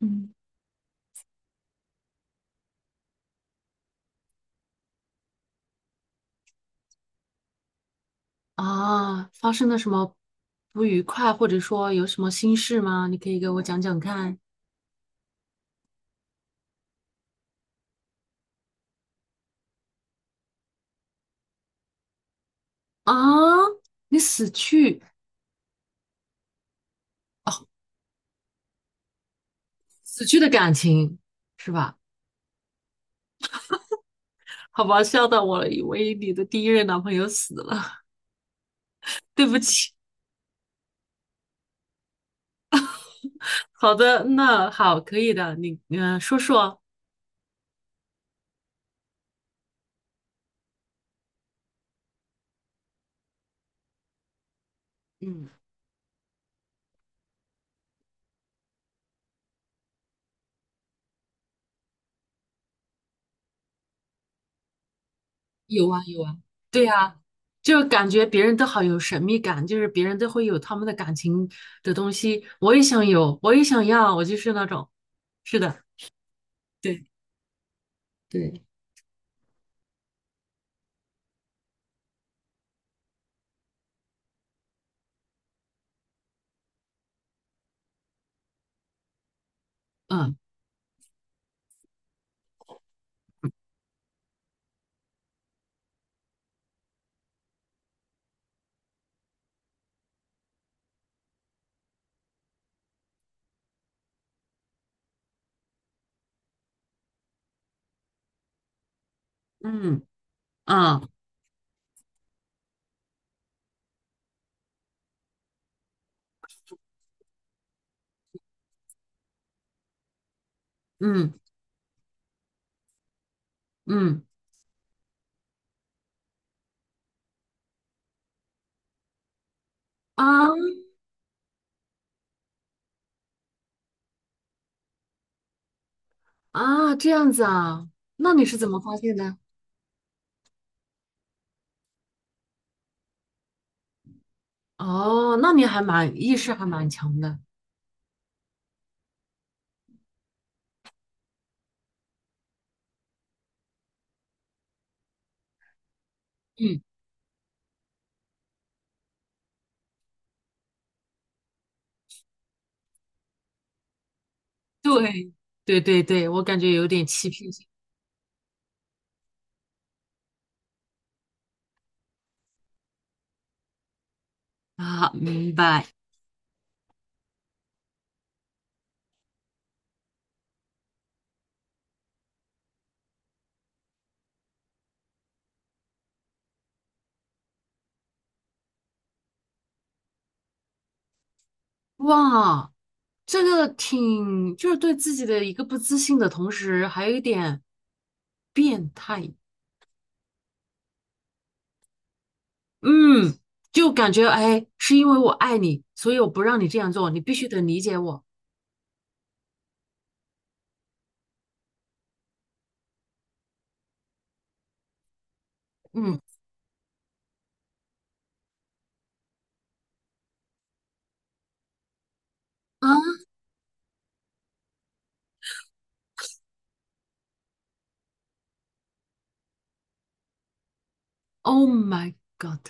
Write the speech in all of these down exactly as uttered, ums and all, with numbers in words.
嗯。啊，发生了什么不愉快，或者说有什么心事吗？你可以给我讲讲看。啊。你死去死去的感情是吧？好吧，笑到我了，以为你的第一任男朋友死了。对不起。好的，那好，可以的。你嗯、呃说说。嗯，有啊有啊，对呀，就感觉别人都好有神秘感，就是别人都会有他们的感情的东西，我也想有，我也想要，我就是那种。是的。对。对，嗯嗯，啊，嗯嗯，啊。啊，这样子啊，那你是怎么发现的？哦，那你还蛮意识还蛮强的。嗯，对对对对，我感觉有点欺骗性。啊，明白。哇，这个挺就是对自己的一个不自信的同时，还有一点变态。嗯，就感觉哎，是因为我爱你，所以我不让你这样做，你必须得理解我。嗯。啊。Oh my God！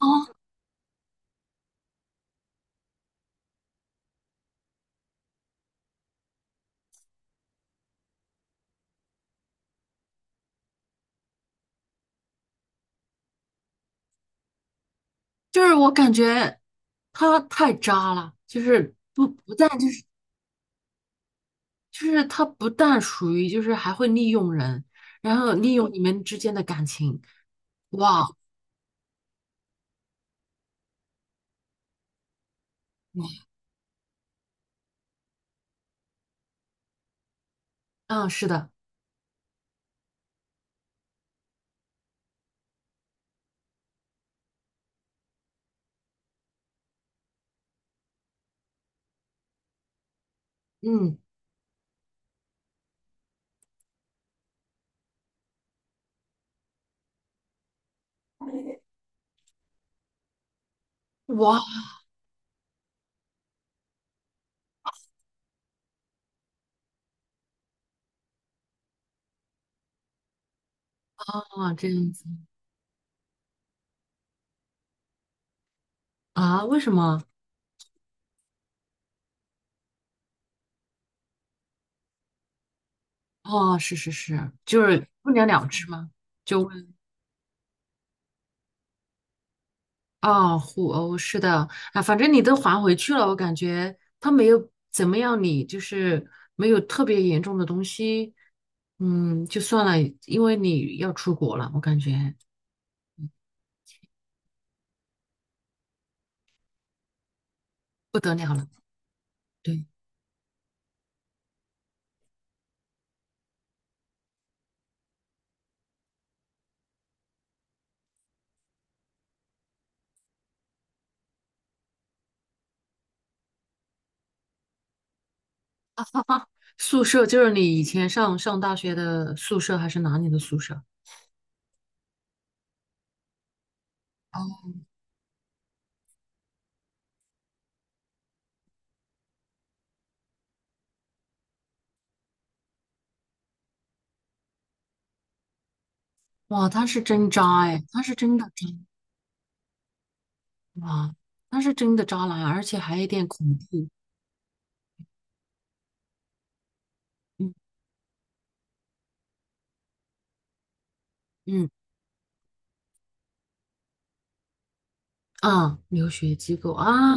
哦，就是我感觉他太渣了，就是不不但就是就是他不但属于就是还会利用人，然后利用你们之间的感情。哇，嗯，是的，嗯。 哇，这样子啊？为什么？哦，是是是，就是不了了之吗？哦，互殴是的。啊，反正你都还回去了，我感觉他没有怎么样你，就是没有特别严重的东西，嗯，就算了，因为你要出国了，我感觉不得了了。对，宿舍就是你以前上上大学的宿舍还是哪里的宿舍？哦。哇，他是真渣哎，他是真的渣。哇，他是真的渣男，而且还有点恐怖。嗯嗯，啊，留学机构啊。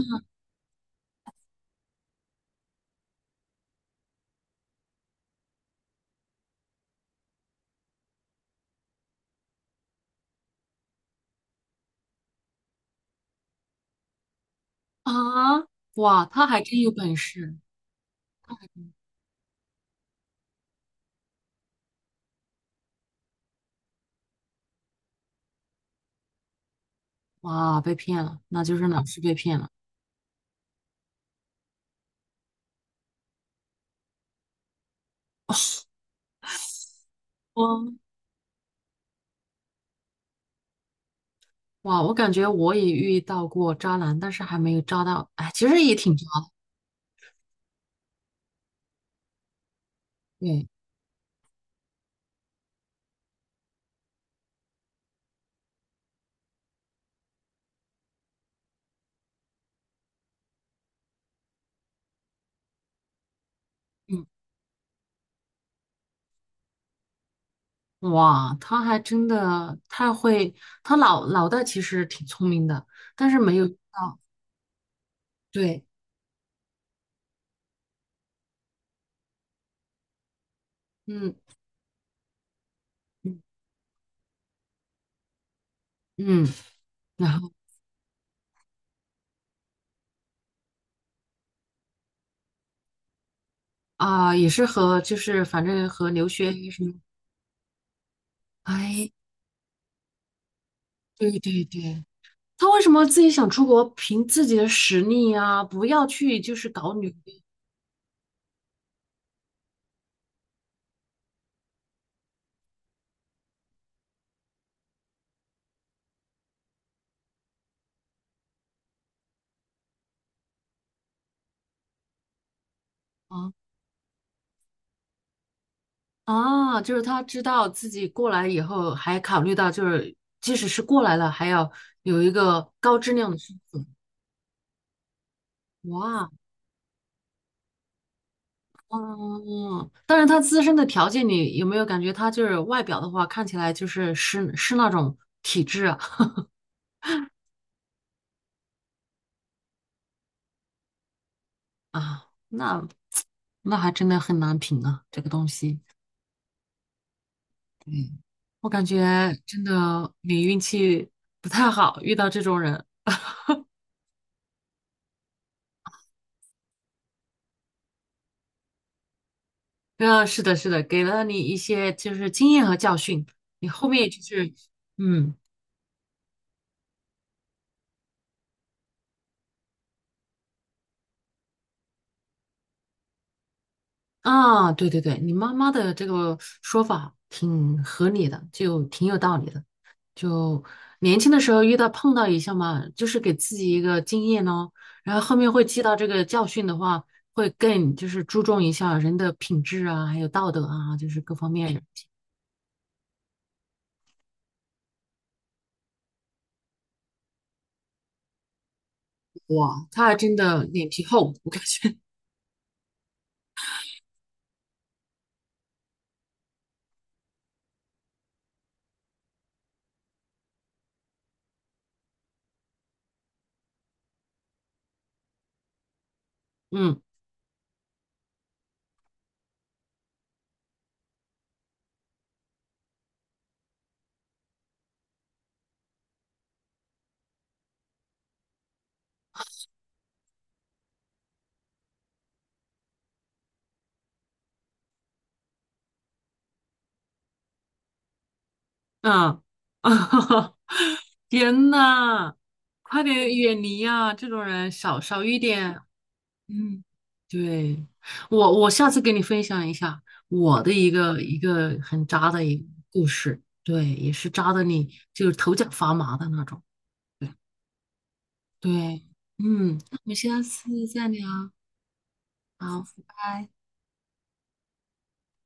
啊，哇，他还真有本事。哇，被骗了，那就是老师被骗了。嗯，哇，我感觉我也遇到过渣男，但是还没有渣到，哎，其实也挺渣的。对。嗯，哇，他还真的太会，他脑脑袋其实挺聪明的，但是没有遇到。对，嗯嗯嗯，然后啊，也是和就是反正和留学啊什么。哎，对对对，他为什么自己想出国，凭自己的实力啊，不要去就是搞女。啊。啊，就是他知道自己过来以后，还考虑到就是即使是过来了，还要有一个高质量的生活。哇，嗯，但是他自身的条件，你有没有感觉他就是外表的话，看起来就是是是那种体质啊？啊，那那还真的很难评啊，这个东西。嗯，我感觉真的你运气不太好，遇到这种人。啊，是的，是的，给了你一些就是经验和教训，你后面就是嗯。啊，对对对，你妈妈的这个说法挺合理的，就挺有道理的。就年轻的时候遇到碰到一下嘛，就是给自己一个经验咯，然后后面会记到这个教训的话，会更就是注重一下人的品质啊，还有道德啊，就是各方面。哇，他还真的脸皮厚，我感觉。嗯嗯。啊，天呐，快点远离啊，这种人少少一点。嗯，对，我我下次给你分享一下我的一个一个很渣的一个故事，对，也是渣的你就是头脚发麻的那种，对对。嗯，那我们下次再聊。好，拜拜。